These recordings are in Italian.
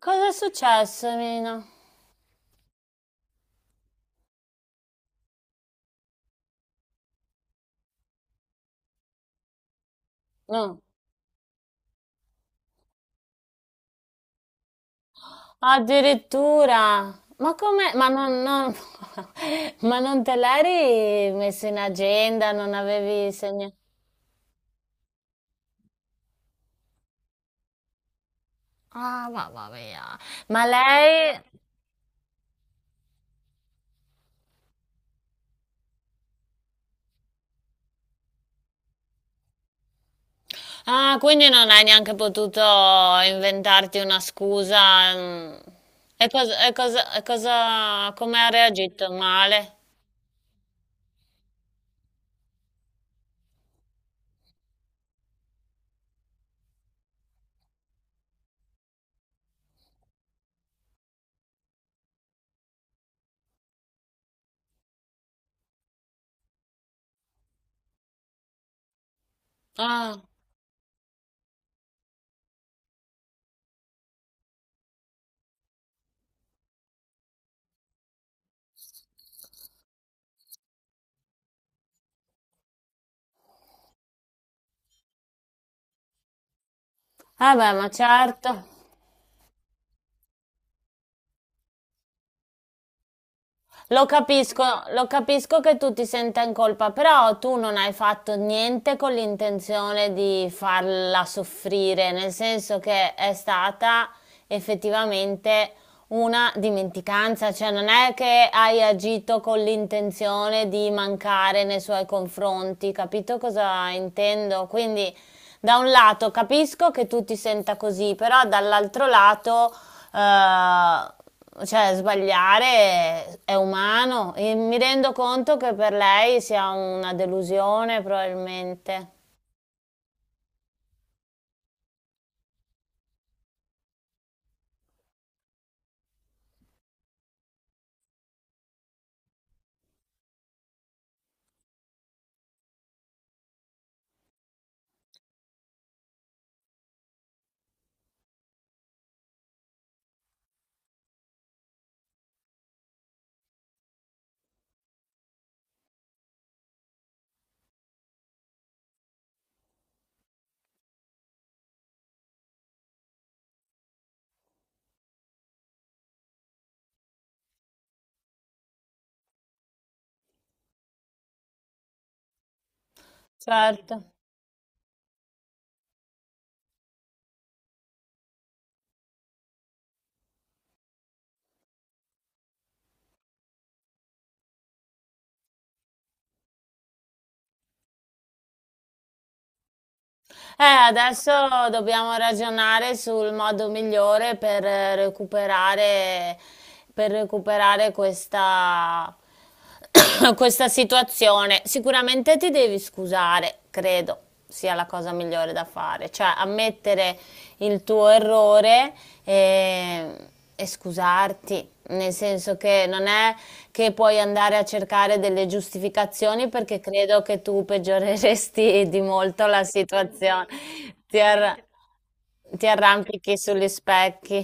Cosa è successo, Mina? No. Addirittura. Ma come? Ma non te l'eri messo in agenda? Non avevi segnato? Ah, mamma mia. Ma lei... Ah, quindi non hai neanche potuto inventarti una scusa. Mm. E cosa, come ha reagito? Male? Ah, vabbè, ma certo. Lo capisco, lo capisco che tu ti senta in colpa, però tu non hai fatto niente con l'intenzione di farla soffrire, nel senso che è stata effettivamente una dimenticanza, cioè non è che hai agito con l'intenzione di mancare nei suoi confronti, capito cosa intendo? Quindi da un lato capisco che tu ti senta così, però dall'altro lato eh, cioè, sbagliare è umano e mi rendo conto che per lei sia una delusione, probabilmente. Certo. Adesso dobbiamo ragionare sul modo migliore per recuperare, per recuperare questa, questa situazione. Sicuramente ti devi scusare, credo sia la cosa migliore da fare, cioè ammettere il tuo errore e scusarti, nel senso che non è che puoi andare a cercare delle giustificazioni perché credo che tu peggioreresti di molto la situazione. Ti arra- ti arrampichi sugli specchi.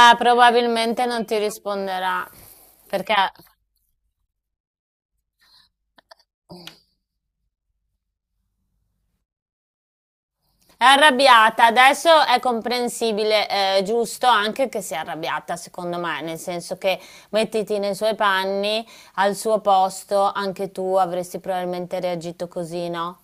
Ah, probabilmente non ti risponderà perché è arrabbiata, adesso è comprensibile, giusto anche che sia arrabbiata, secondo me, nel senso che mettiti nei suoi panni, al suo posto, anche tu avresti probabilmente reagito così, no?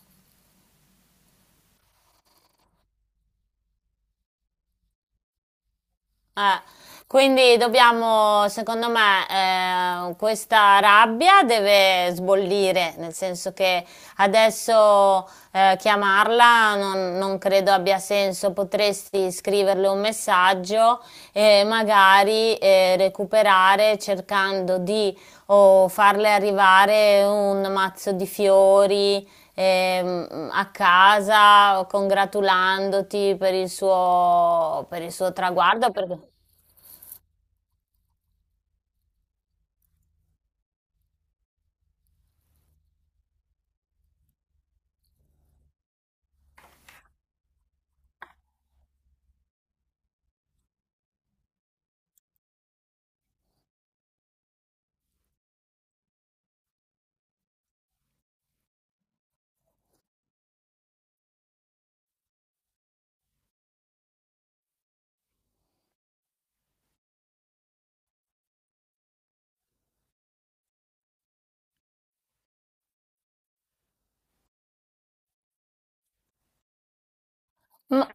Eh, quindi dobbiamo, secondo me, questa rabbia deve sbollire, nel senso che adesso chiamarla non credo abbia senso, potresti scriverle un messaggio e magari recuperare cercando di o farle arrivare un mazzo di fiori a casa congratulandoti per il suo traguardo. Ma,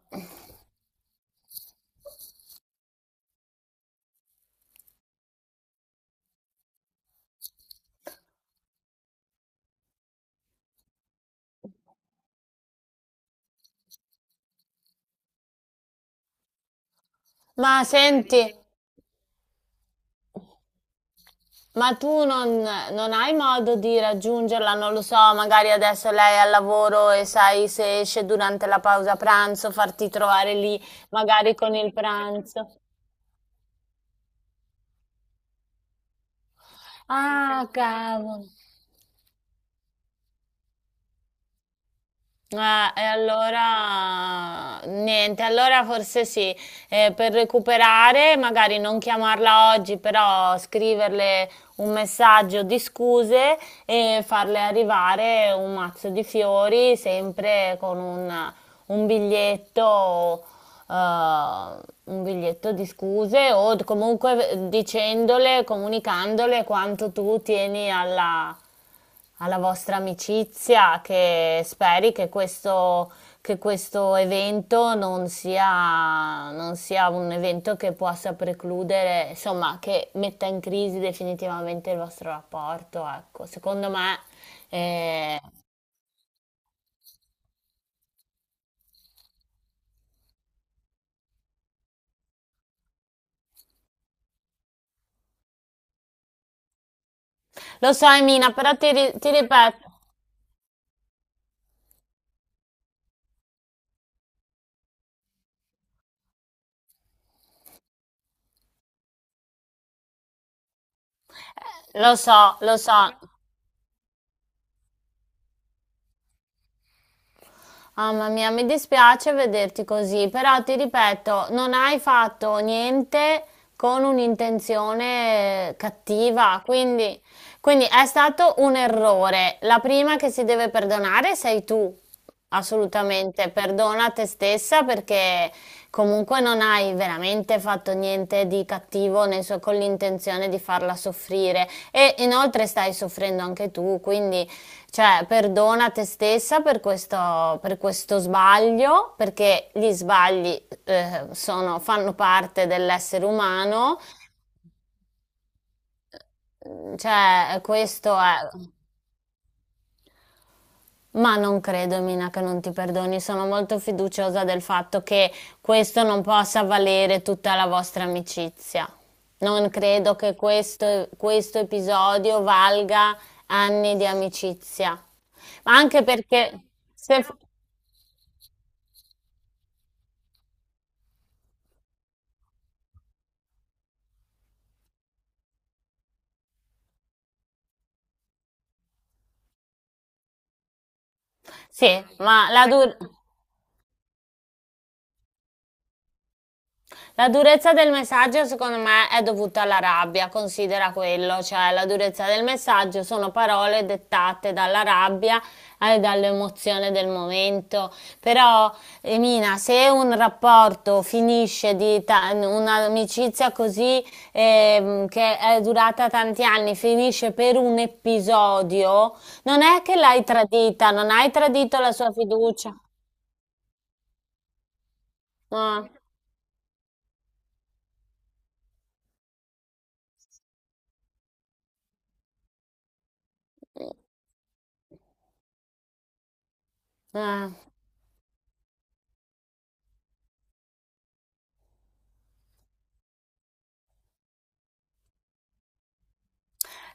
ma senti, ma tu non, non hai modo di raggiungerla? Non lo so, magari adesso lei è al lavoro e sai se esce durante la pausa pranzo, farti trovare lì magari con il pranzo. Ah, cavolo. Ah, e allora niente, allora forse sì, eh, per recuperare, magari non chiamarla oggi, però scriverle un messaggio di scuse e farle arrivare un mazzo di fiori, sempre con un biglietto, eh, un biglietto di scuse o comunque dicendole, comunicandole quanto tu tieni alla alla vostra amicizia, che speri che questo evento non sia un evento che possa precludere, insomma, che metta in crisi definitivamente il vostro rapporto, ecco. Secondo me, eh, lo so, Emina, però ti ripeto, lo so, lo so. Mamma mia, mi dispiace vederti così, però ti ripeto, non hai fatto niente con un'intenzione cattiva, quindi, quindi è stato un errore. La prima che si deve perdonare sei tu, assolutamente. Perdona te stessa perché comunque non hai veramente fatto niente di cattivo nel suo- con l'intenzione di farla soffrire e inoltre stai soffrendo anche tu, quindi cioè, perdona te stessa per questo sbaglio, perché gli sbagli fanno parte dell'essere umano. Cioè, questo è... Ma non credo, Mina, che non ti perdoni. Sono molto fiduciosa del fatto che questo non possa valere tutta la vostra amicizia. Non credo che questo episodio valga anni di amicizia. Ma anche perché... Se, sì, ma la durata... La durezza del messaggio secondo me è dovuta alla rabbia, considera quello, cioè la durezza del messaggio sono parole dettate dalla rabbia e dall'emozione del momento, però Emina, se un rapporto finisce un'amicizia così che è durata tanti anni, finisce per un episodio, non è che l'hai tradita, non hai tradito la sua fiducia. Ah, ah.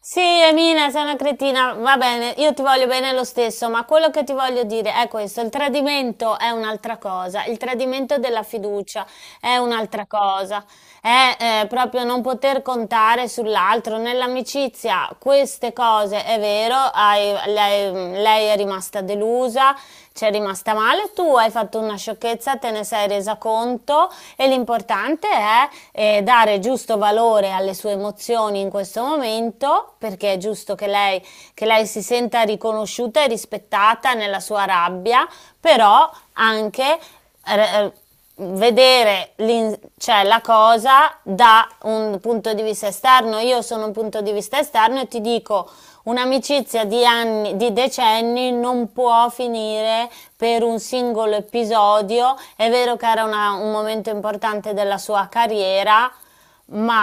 Sì, Emina, sei una cretina, va bene, io ti voglio bene lo stesso, ma quello che ti voglio dire è questo, il tradimento è un'altra cosa, il tradimento della fiducia è un'altra cosa, è proprio non poter contare sull'altro, nell'amicizia queste cose è vero, lei, lei è rimasta delusa, ci è rimasta male, tu hai fatto una sciocchezza, te ne sei resa conto e l'importante è dare giusto valore alle sue emozioni in questo momento, perché è giusto che lei si senta riconosciuta e rispettata nella sua rabbia, però anche... eh, eh, vedere cioè, la cosa da un punto di vista esterno. Io sono un punto di vista esterno e ti dico un'amicizia di anni, di decenni non può finire per un singolo episodio. È vero che era un momento importante della sua carriera, ma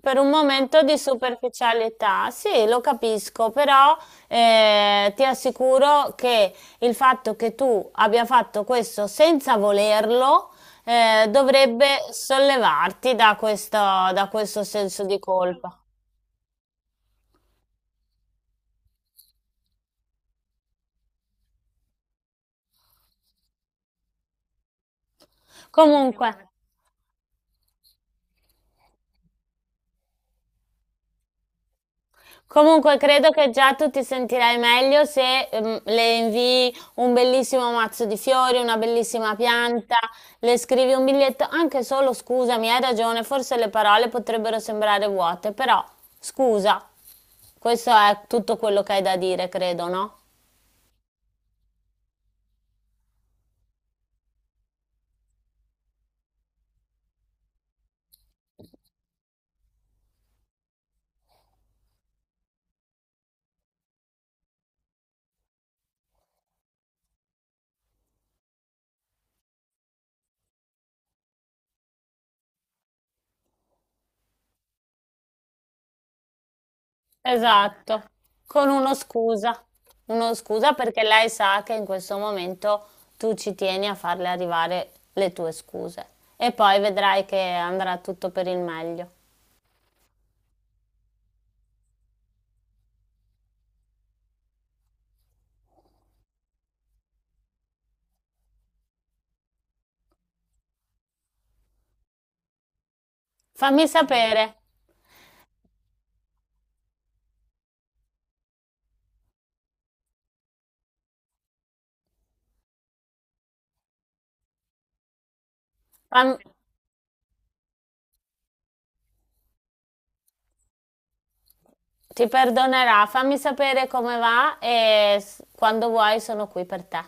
per un momento di superficialità, sì, lo capisco, però ti assicuro che il fatto che tu abbia fatto questo senza volerlo dovrebbe sollevarti da questo senso di colpa. Comunque. Comunque credo che già tu ti sentirai meglio se le invii un bellissimo mazzo di fiori, una bellissima pianta, le scrivi un biglietto, anche solo scusami, hai ragione, forse le parole potrebbero sembrare vuote, però scusa, questo è tutto quello che hai da dire, credo, no? Esatto, con uno scusa perché lei sa che in questo momento tu ci tieni a farle arrivare le tue scuse e poi vedrai che andrà tutto per il meglio. Fammi sapere, fam- ti perdonerà, fammi sapere come va e quando vuoi sono qui per te.